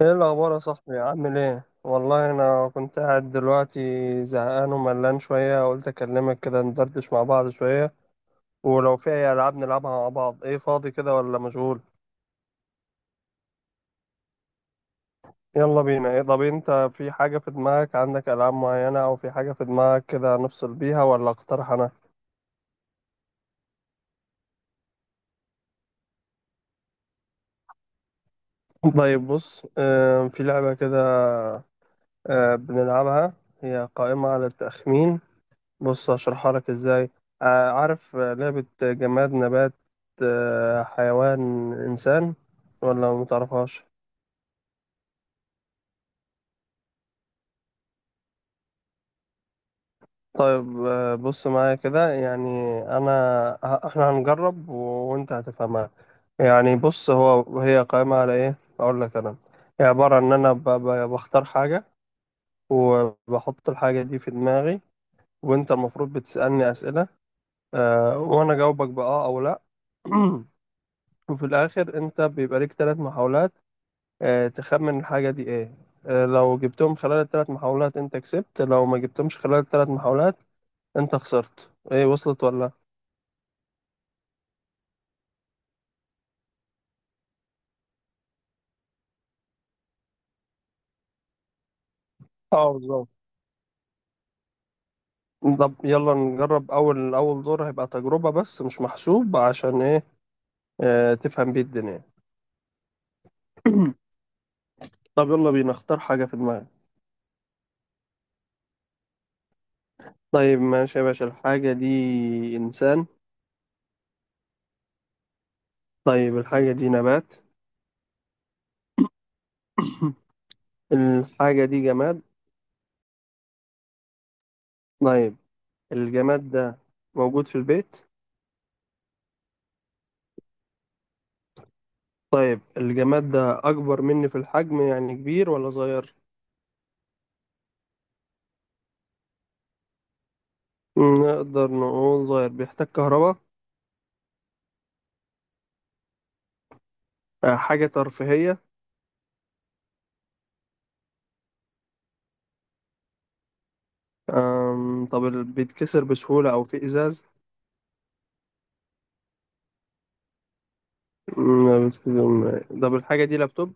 ايه الاخبار يا صاحبي؟ عامل ايه؟ والله انا كنت قاعد دلوقتي زهقان وملان شويه، قلت اكلمك كده ندردش مع بعض شويه، ولو في اي العاب نلعبها مع بعض. ايه فاضي كده ولا مشغول؟ يلا بينا. ايه طب انت في حاجه في دماغك؟ عندك العاب معينه او في حاجه في دماغك كده نفصل بيها، ولا اقترح انا؟ طيب بص، في لعبه كده بنلعبها، هي قائمه على التخمين. بص هشرحها لك ازاي. عارف لعبة جماد نبات حيوان إنسان، ولا متعرفهاش؟ طيب بص معايا كده يعني، أنا إحنا هنجرب وأنت هتفهمها. يعني بص هي قائمة على إيه، أقول لك أنا. هي عبارة عن إن أنا بختار حاجة وبحط الحاجة دي في دماغي، وأنت المفروض بتسألني أسئلة وأنا جاوبك بأه أو لأ. وفي الآخر أنت بيبقى ليك ثلاث محاولات تخمن الحاجة دي ايه. لو جبتهم خلال الثلاث محاولات انت كسبت، لو ما جبتهمش خلال الثلاث محاولات انت خسرت. ايه وصلت ولا؟ اه بالظبط. طب يلا نجرب، اول اول دور هيبقى تجربة بس مش محسوب، عشان ايه تفهم بيه الدنيا. طب يلا بينا، اختار حاجة في دماغك. طيب ماشي يا باشا، الحاجة دي انسان؟ طيب الحاجة دي نبات؟ الحاجة دي جماد؟ طيب الجماد ده موجود في البيت؟ طيب الجماد ده أكبر مني في الحجم، يعني كبير ولا صغير؟ نقدر نقول صغير. بيحتاج كهرباء؟ حاجة ترفيهية؟ طب بيتكسر بسهولة أو فيه إزاز؟ لا بيتكسر. طب الحاجة دي لابتوب؟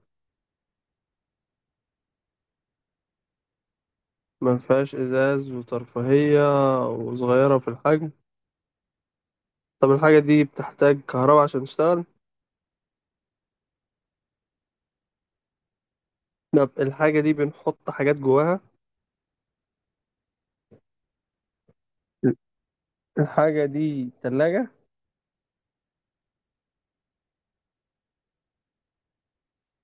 ما فيهاش إزاز وترفيهية وصغيرة في الحجم. طب الحاجة دي بتحتاج كهرباء عشان تشتغل؟ طب الحاجة دي بنحط حاجات جواها؟ الحاجة دي تلاجة؟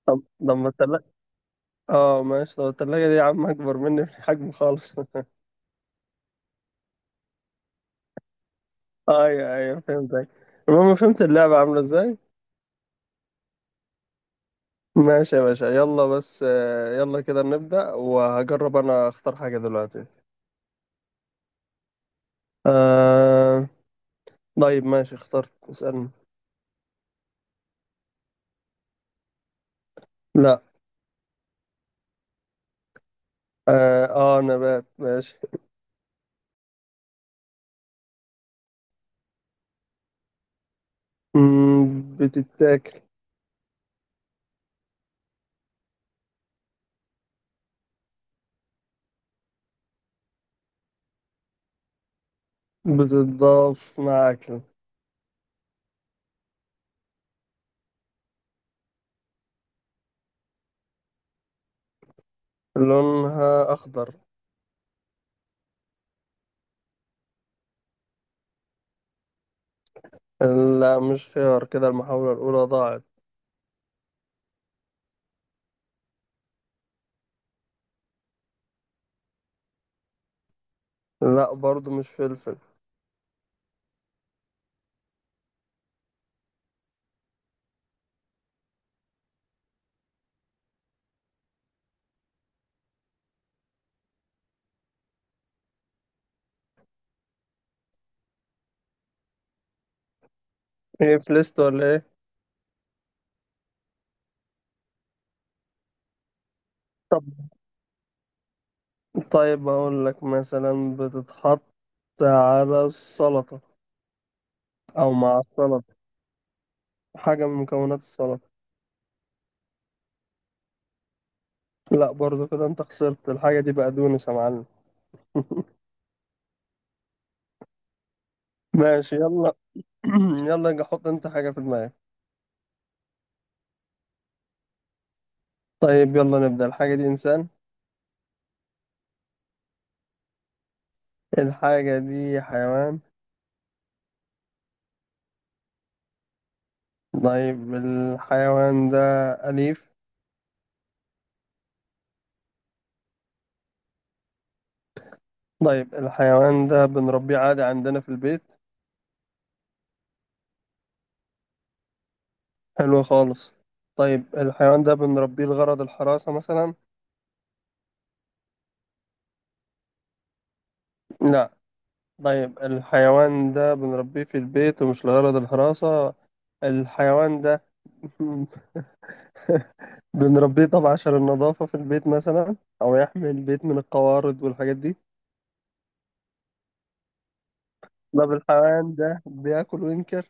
طب لما التلاجة، اه ماشي. طب التلاجة دي يا عم أكبر مني في الحجم خالص ايوه، ايوه، فهمتك. المهم فهمت اللعبة عاملة ازاي. ماشي يا باشا، يلا بس يلا كده نبدأ، وهجرب انا اختار حاجة دلوقتي. آه... طيب ماشي، اخترت، اسألني. لا. اه، نبات ماشي. بتتاكل. بتتضاف مع اكل. لونها اخضر. لا مش خيار، كده المحاولة الاولى ضاعت. لا برضو مش فلفل. ايه فلست ولا ايه؟ طيب أقول لك، مثلا بتتحط على السلطة أو مع السلطة، حاجة من مكونات السلطة. لا برضو، كده أنت خسرت. الحاجة دي بقدونس يا معلم. ماشي يلا. يلا يجي، حط أنت حاجة في دماغك. طيب يلا نبدأ. الحاجة دي إنسان؟ الحاجة دي حيوان؟ طيب الحيوان ده أليف؟ طيب الحيوان ده بنربيه عادي عندنا في البيت. حلو خالص. طيب الحيوان ده بنربيه لغرض الحراسة مثلا؟ لا. طيب الحيوان ده بنربيه في البيت ومش لغرض الحراسة، الحيوان ده بنربيه طبعا عشان النظافة في البيت مثلا، أو يحمي البيت من القوارض والحاجات دي. طب الحيوان ده بياكل وينكر؟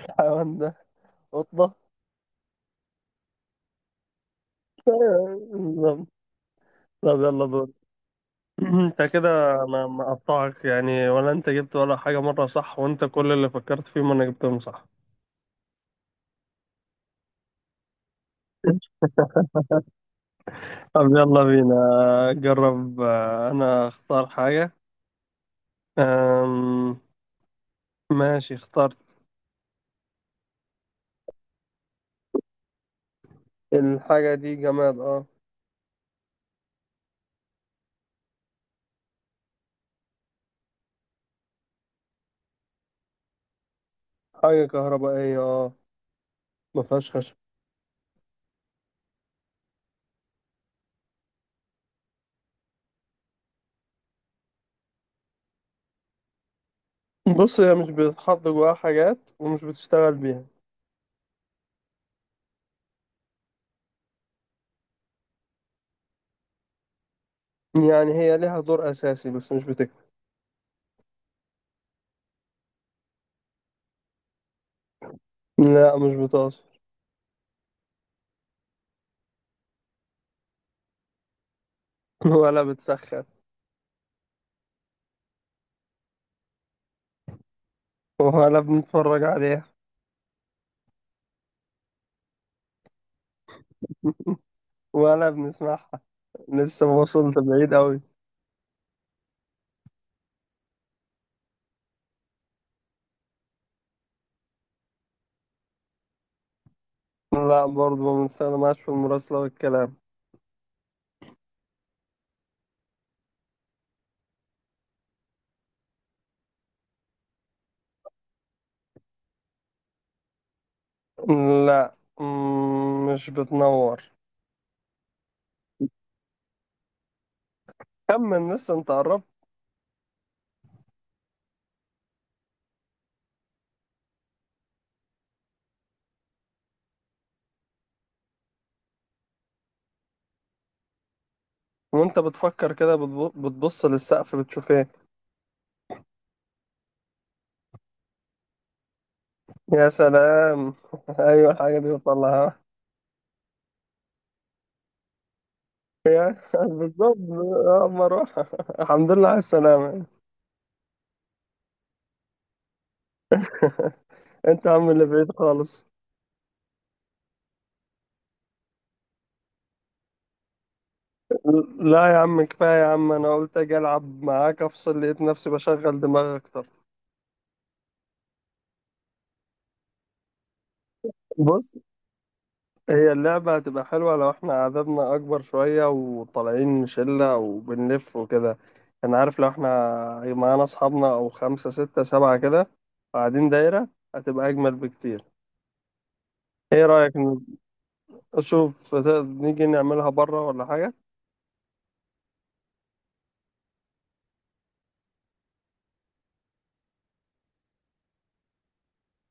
الحيوان ده قطة. بالظبط. طب يلا دور. انت كده، انا مقطعك يعني؟ ولا انت جبت ولا حاجة مرة صح، وانت كل اللي فكرت فيهم انا جبتهم صح. طب يلا بينا، جرب انا اختار حاجة. أم... ماشي اخترت. الحاجة دي جماد اه. حاجة كهربائية اه. ما فيهاش خشب. بص هي مش بتتحط جواها حاجات، ومش بتشتغل بيها. يعني هي ليها دور أساسي بس مش بتكفي. لا مش بتعصر. ولا بتسخن. ولا بنتفرج عليها. ولا بنسمعها. لسه ما وصلت بعيد أوي. لا برضه ما بنستخدمهاش في المراسلة والكلام. لا، مش بتنور. كمل، لسه انت قربت. وانت بتفكر كده بتبص للسقف بتشوف ايه؟ يا سلام ايوه الحاجه دي بتطلعها. يا بالظبط. اما اروح الحمد لله على السلامه. انت يا عم اللي بعيد خالص. لا يا عم كفايه يا عم، انا قلت اجي العب معاك افصل، لقيت نفسي بشغل دماغي اكتر. بص، هي اللعبه هتبقى حلوه لو احنا عددنا اكبر شويه، وطالعين شله وبنلف وكده. انا عارف لو احنا معانا اصحابنا او خمسه سته سبعه كده، قاعدين دايره، هتبقى اجمل بكتير. ايه رايك، اشوف نيجي نعملها بره ولا حاجه؟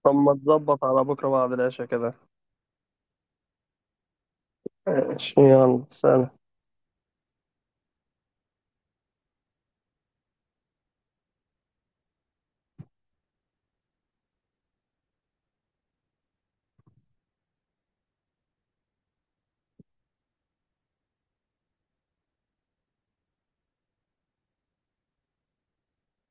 طب ما تظبط على بكره بعد العشاء كده. ماشي يلا سلام.